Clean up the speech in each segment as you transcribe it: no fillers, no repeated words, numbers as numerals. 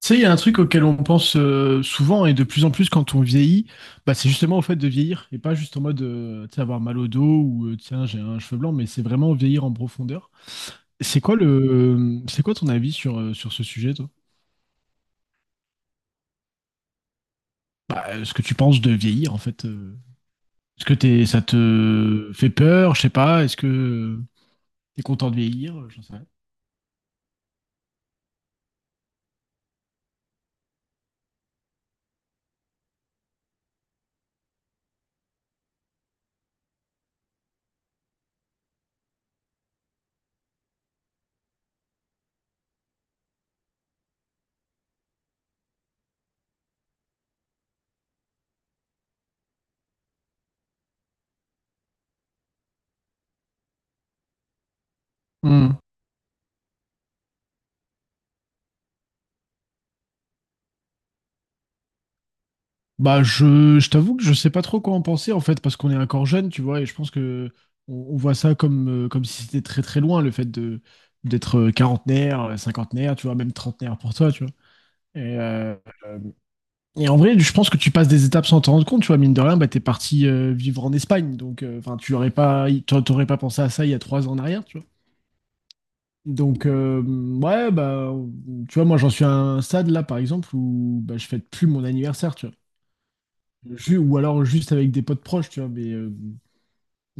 Tu sais, il y a un truc auquel on pense souvent et de plus en plus quand on vieillit, bah, c'est justement au fait de vieillir et pas juste en mode tu sais, avoir mal au dos ou tiens, j'ai un cheveu blanc, mais c'est vraiment vieillir en profondeur. C'est quoi ton avis sur ce sujet, toi? Bah, ce que tu penses de vieillir, en fait. Est-ce que ça te fait peur? Je sais pas. Est-ce que tu t'es content de vieillir? J'en sais rien. Bah, je t'avoue que je sais pas trop quoi en penser en fait, parce qu'on est encore jeune, tu vois, et je pense que on voit ça comme si c'était très très loin le fait de d'être quarantenaire, cinquantenaire, tu vois, même trentenaire pour toi, tu vois. Et, euh, euh, et en vrai, je pense que tu passes des étapes sans t'en rendre compte, tu vois, mine de rien, bah, t'es parti vivre en Espagne, donc enfin, tu aurais pas, t'a- t'aurais pas pensé à ça il y a 3 ans en arrière, tu vois. Donc, ouais, bah, tu vois, moi j'en suis à un stade là, par exemple, où bah, je fête plus mon anniversaire, tu vois. Ou alors juste avec des potes proches, tu vois,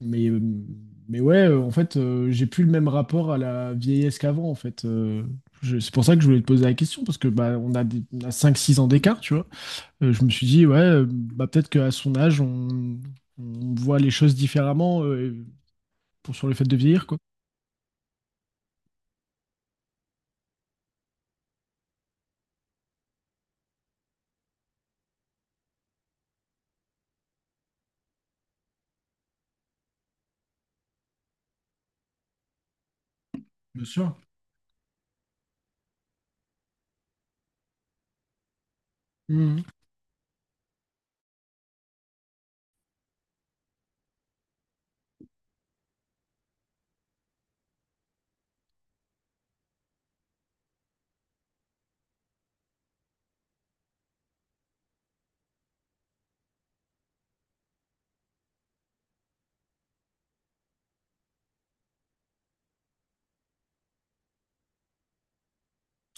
mais, euh, mais ouais, en fait, j'ai plus le même rapport à la vieillesse qu'avant, en fait. C'est pour ça que je voulais te poser la question, parce que bah, on a 5-6 ans d'écart, tu vois. Je me suis dit, ouais, bah, peut-être qu'à son âge, on voit les choses différemment sur le fait de vieillir, quoi. Bien sûr. Mhm.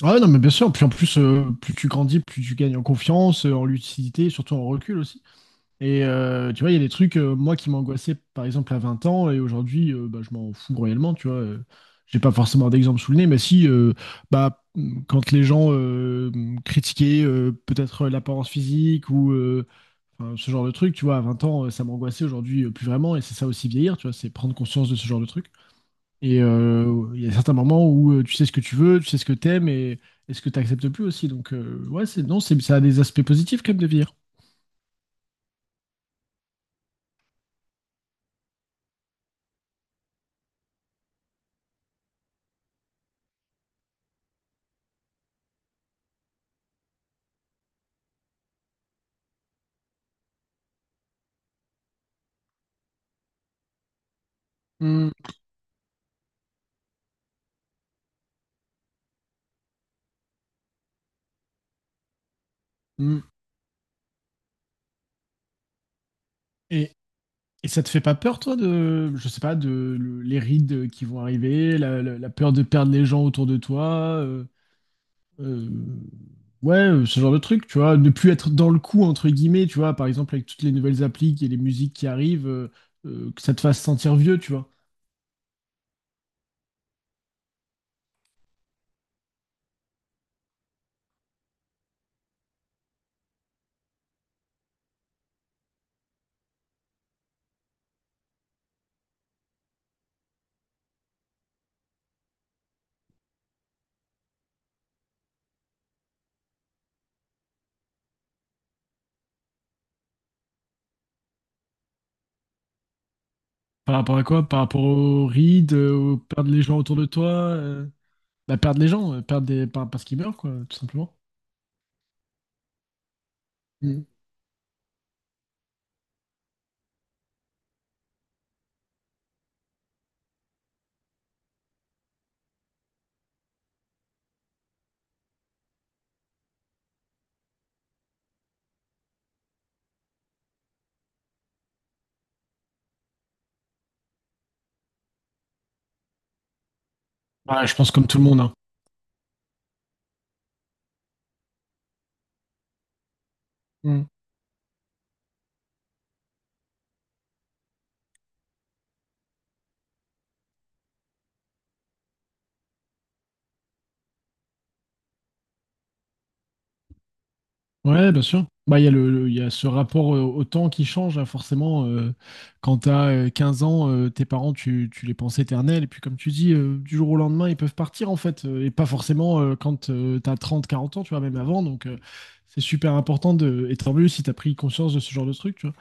Ouais, non, mais bien sûr, puis en plus, plus tu grandis, plus tu gagnes en confiance, en lucidité, surtout en recul aussi. Et tu vois, il y a des trucs, moi, qui m'angoissaient, par exemple, à 20 ans, et aujourd'hui, bah, je m'en fous réellement, tu vois. J'ai pas forcément d'exemple sous le nez, mais si, bah, quand les gens critiquaient peut-être l'apparence physique ou enfin, ce genre de truc, tu vois, à 20 ans, ça m'angoissait, aujourd'hui plus vraiment, et c'est ça aussi vieillir, tu vois, c'est prendre conscience de ce genre de truc. Et il y a certains moments où tu sais ce que tu veux, tu sais ce que t'aimes et ce que t'acceptes plus aussi. Donc, ouais, non, ça a des aspects positifs quand même de vieillir. Mm, mm. Et, Et ça te fait pas peur, toi, de, je sais pas, de les rides qui vont arriver, la peur de perdre les gens autour de toi, euh, ouais, ce genre de truc, tu vois, ne plus être dans le coup entre guillemets, tu vois, par exemple avec toutes les nouvelles applis et les musiques qui arrivent, que ça te fasse sentir vieux, tu vois. Par rapport à quoi? Par rapport aux rides, au perdre les gens autour de toi. Bah, perdre les gens, parce qu'ils meurent, quoi, tout simplement. Mm. Ouais, je pense comme tout le monde, hein. Mm. Ouais, bien sûr. Bah, il y a il y a ce rapport au temps qui change, hein, forcément. Quand t'as 15 ans, tes parents, tu les penses éternels. Et puis, comme tu dis, du jour au lendemain, ils peuvent partir, en fait. Et pas forcément quand t'as 30 40 ans, tu vois, même avant. Donc, c'est super important de... Et tant mieux si t'as pris conscience de ce genre de truc, tu vois.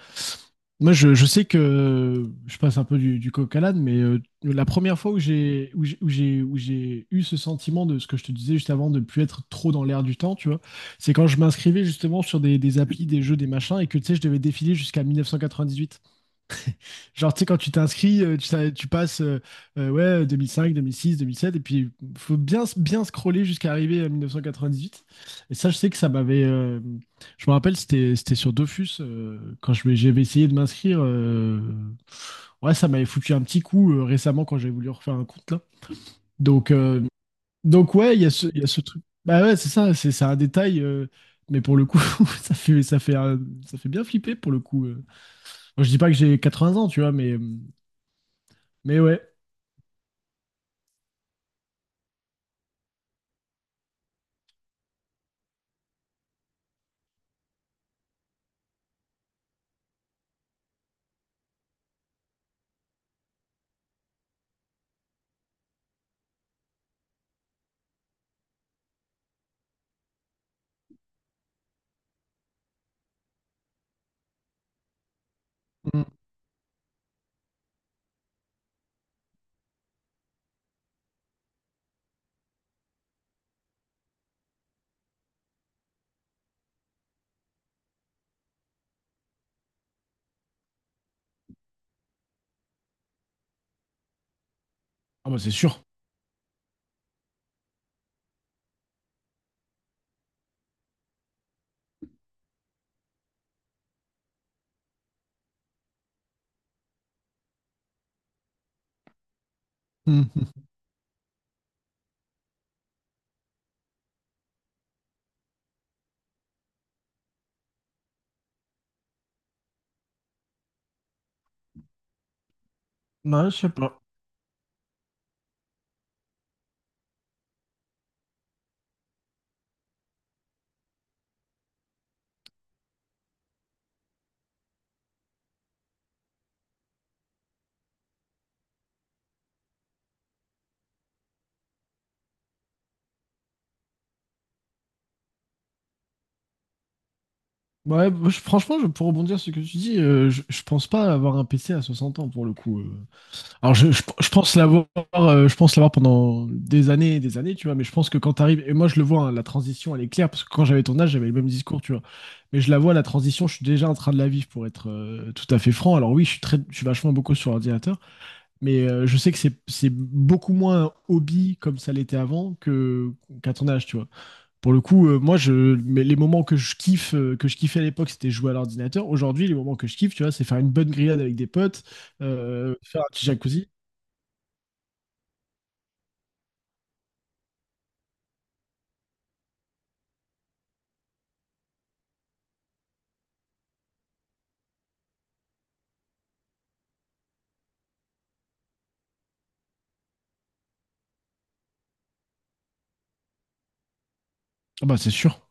Moi, je sais que je passe un peu du coq à l'âne, mais la première fois où j'ai eu ce sentiment de ce que je te disais juste avant de plus être trop dans l'air du temps, tu vois, c'est quand je m'inscrivais justement sur des applis, des jeux, des machins, et que tu sais, je devais défiler jusqu'à 1998. Genre, tu sais, quand tu t'inscris, tu passes ouais, 2005, 2006, 2007, et puis faut bien, bien scroller jusqu'à arriver à 1998. Et ça, je sais que ça m'avait. Je me rappelle, c'était sur Dofus, quand j'avais essayé de m'inscrire. Ouais, ça m'avait foutu un petit coup récemment quand j'avais voulu refaire un compte, là. Donc, euh, donc ouais, il y a ce truc. Bah ouais, c'est ça, c'est un détail. Mais pour le coup, ça fait, ça fait, un- ça fait bien flipper pour le coup. Moi, je dis pas que j'ai 80 ans, tu vois, mais. Mais ouais. Mmh. Ah bah c'est sûr. Mmh, mmh. Ouais, je sais pas. Ouais, moi, franchement, pour rebondir sur ce que tu dis, je pense pas avoir un PC à 60 ans pour le coup. Alors je pense l'avoir, je pense l'avoir pendant des années et des années, tu vois. Mais je pense que quand t'arrives, et moi je le vois, hein, la transition elle est claire parce que quand j'avais ton âge, j'avais le même discours, tu vois. Mais je la vois la transition, je suis déjà en train de la vivre pour être tout à fait franc. Alors oui, je suis vachement beaucoup sur ordinateur, mais je sais que c'est beaucoup moins un hobby comme ça l'était avant que qu'à ton âge, tu vois. Pour le coup, moi, mais les moments que je kiffais à l'époque, c'était jouer à l'ordinateur. Aujourd'hui, les moments que je kiffe, tu vois, c'est faire une bonne grillade avec des potes, faire un petit jacuzzi. Ah bah, c'est sûr.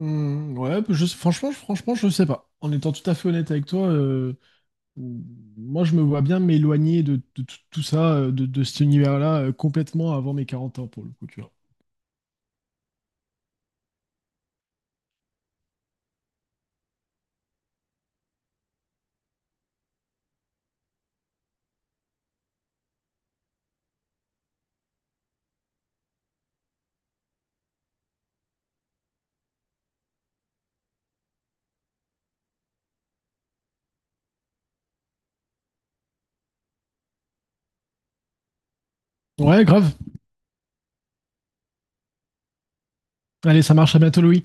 Hmm, ouais, bah, franchement, je sais pas. En étant tout à fait honnête avec toi, moi, je me vois bien m'éloigner de, tout tout ça, de cet univers-là, complètement avant mes 40 ans, pour le coup, tu vois. Ouais, grave. Allez, ça marche. À bientôt, Louis.